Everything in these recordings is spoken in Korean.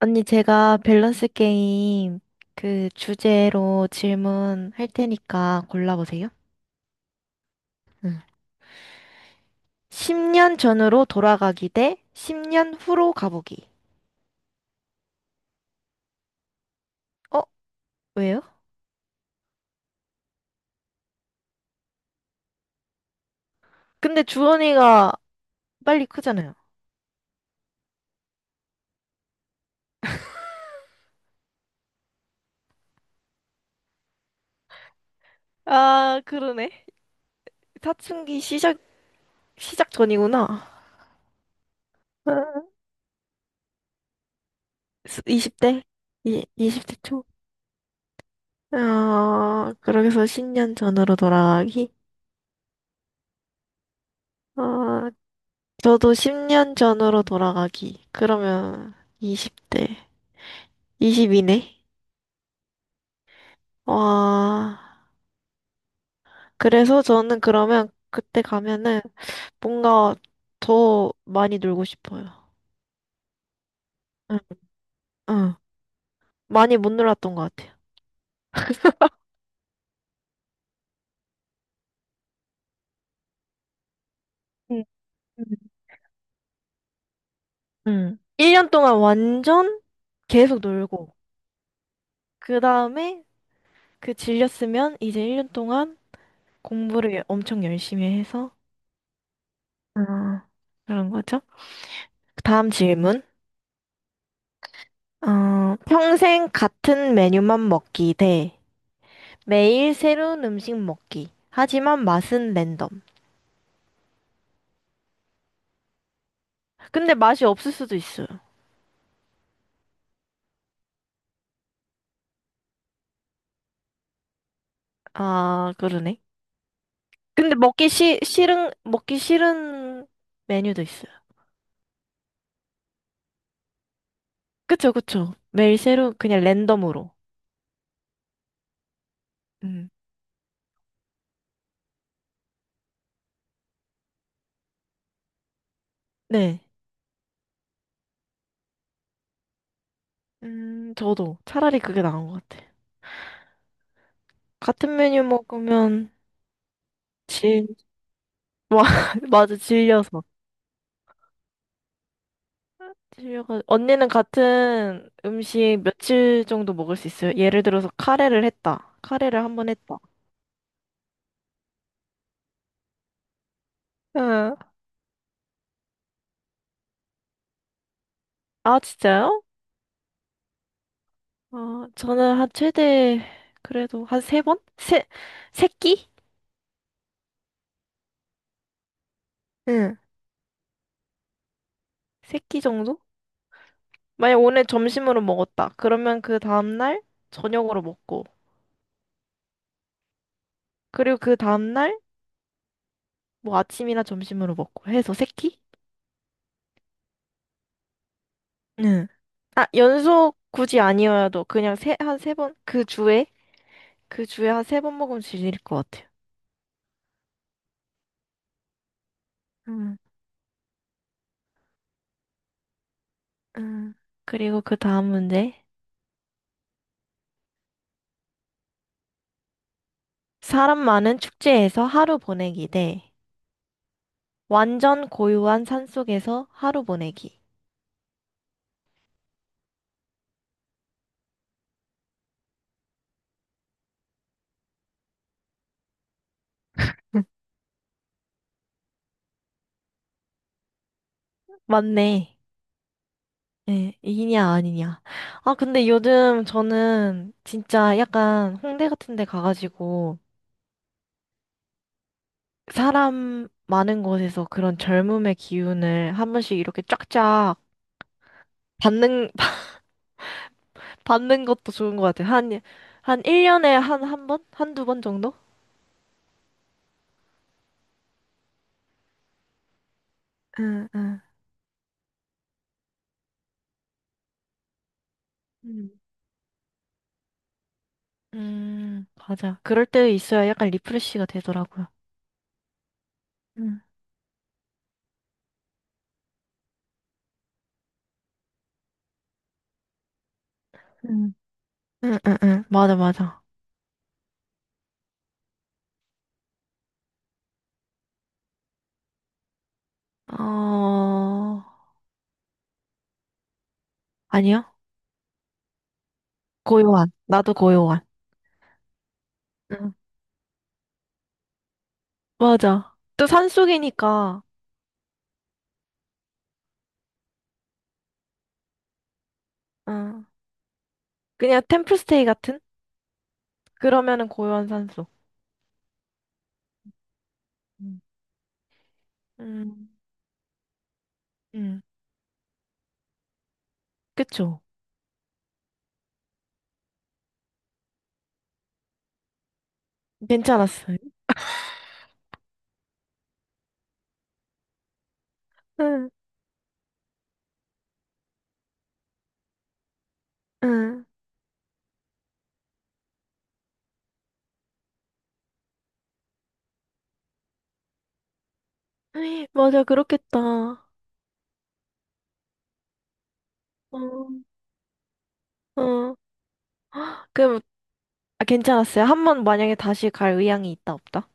언니, 제가 밸런스 게임 그 주제로 질문 할 테니까 골라보세요. 응. 10년 전으로 돌아가기 대 10년 후로 가보기. 어? 왜요? 근데 주원이가 빨리 크잖아요. 아, 그러네. 사춘기 시작, 시작 전이구나. 아, 20대? 이, 20대 초? 아, 그러게서 10년 전으로 돌아가기? 아, 저도 10년 전으로 돌아가기. 그러면 20대. 20이네. 와, 그래서 저는 그러면 그때 가면은 뭔가 더 많이 놀고 싶어요. 응, 응. 많이 못 놀았던 것 같아요. 음, 음. 응. 1년 동안 완전 계속 놀고, 그 다음에 그 질렸으면 이제 1년 동안 공부를 엄청 열심히 해서, 어, 그런 거죠. 다음 질문. 어, 평생 같은 메뉴만 먹기 대 매일 새로운 음식 먹기. 하지만 맛은 랜덤. 근데 맛이 없을 수도 있어요. 아, 그러네. 근데 먹기 싫은 메뉴도 있어요. 그쵸, 그쵸. 매일 새로운, 그냥 랜덤으로. 음, 네. 저도 차라리 그게 나은 것 같아요. 같은 메뉴 먹으면 질, 와, 맞아, 질려서. 언니는 같은 음식 며칠 정도 먹을 수 있어요? 예를 들어서 카레를 했다. 카레를 한 번 했다. 응. 아, 진짜요? 어, 저는 한 최대, 그래도 한 세 번? 세 끼? 응. 세끼 정도? 만약 오늘 점심으로 먹었다. 그러면 그 다음날 저녁으로 먹고, 그리고 그 다음날 뭐 아침이나 점심으로 먹고 해서 세 끼? 응. 아, 연속 굳이 아니어도 그냥 한 세 번? 그 주에? 그 주에 한 세 번 먹으면 질릴 것 같아요. 응. 응. 그리고 그 다음 문제. 사람 많은 축제에서 하루 보내기 대 완전 고요한 산속에서 하루 보내기. 맞네. 예, 이냐 아니냐. 아, 근데 요즘 저는 진짜 약간 홍대 같은 데 가가지고 사람 많은 곳에서 그런 젊음의 기운을 한 번씩 이렇게 쫙쫙 받는, 받는 것도 좋은 것 같아요. 한 1년에 한 번? 한두 번 정도? 응, 응, 음, 맞아. 그럴 때 있어야 약간 리프레시가 되더라고요. 음. 응, 응, 응, 응. 맞아, 맞아. 어, 아니요. 고요한. 나도 고요한. 응. 맞아. 또 산속이니까, 응. 그냥 템플스테이 같은? 그러면은 고요한 산속. 음, 음, 음. 그쵸. 괜찮았어요. 응, 응. 에이, 맞아, 그렇겠다. 어, 어. 그럼, 아, 괜찮았어요. 한 번 만약에 다시 갈 의향이 있다, 없다?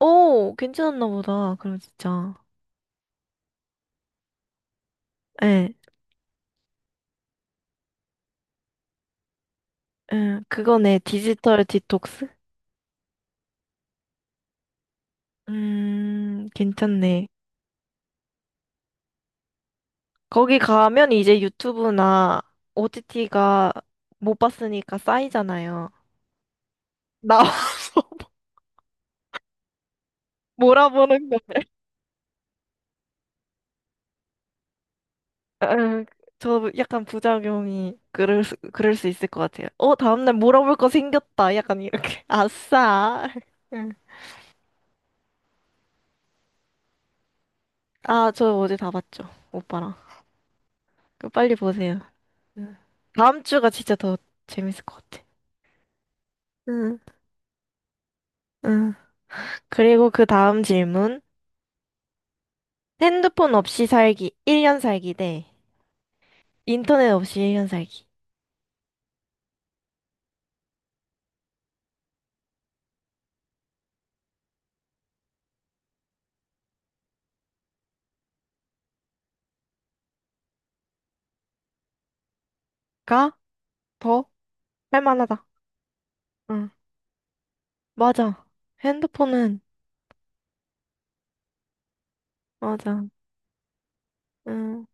오, 괜찮았나 보다. 그럼 진짜. 예, 응. 그거네. 디지털 디톡스. 괜찮네. 거기 가면 이제 유튜브나 OTT가 못 봤으니까 쌓이잖아요. 나와서 몰아보는 거. 아, 저 약간 부작용이 그럴 수 있을 것 같아요. 어, 다음날 몰아볼 거 생겼다. 약간 이렇게. 아싸. 응. 아, 저 어제 다 봤죠. 오빠랑. 그 빨리 보세요. 응. 다음 주가 진짜 더 재밌을 것 같아. 응, 응. 그리고 그 다음 질문. 핸드폰 없이 살기, 1년 살기 대 인터넷 없이 1년 살기가 더 할만하다. 응, 맞아. 핸드폰은, 맞아. 응,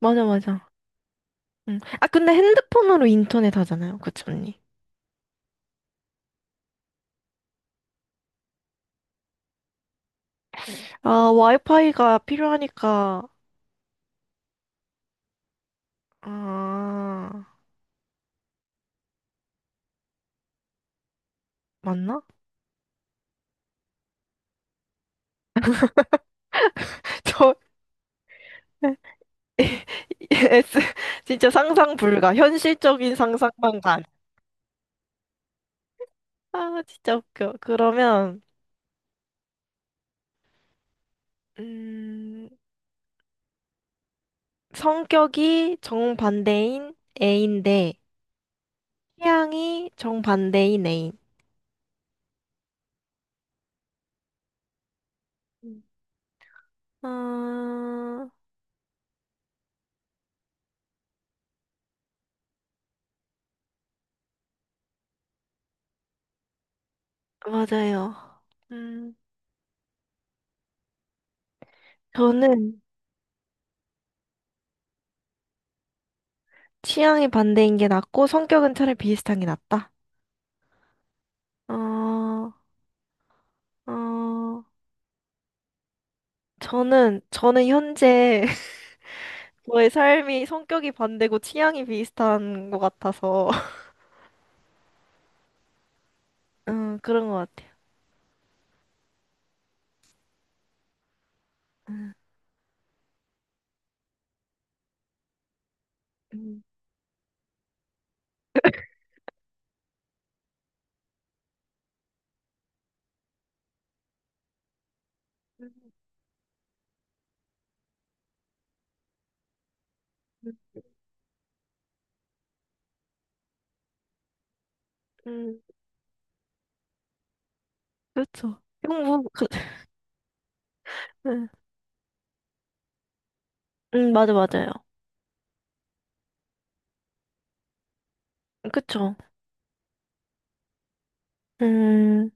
맞아, 맞아. 응. 아, 근데 핸드폰으로 인터넷 하잖아요. 그치, 언니? 아, 와이파이가 필요하니까, 아, 맞나? 저, S, 진짜 상상 불가. 현실적인 상상만 간. 아, 진짜 웃겨. 그러면, 음, 성격이 정반대인 A인데 취향이 정반대인 A인. 음. 아, 맞아요. 음, 저는 취향이 반대인 게 낫고 성격은 차라리 비슷한 게 낫다. 어, 어, 저는 현재 저의 삶이 성격이 반대고 취향이 비슷한 것 같아서 그런 것 같아요. 음, 음, 음, 음, 그렇죠. 형부, 음, 맞아, 맞아요. 그쵸. 음,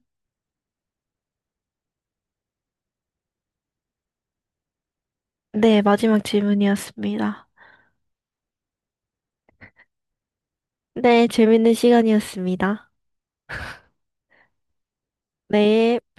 네, 마지막 질문이었습니다. 네, 재밌는 시간이었습니다. 네.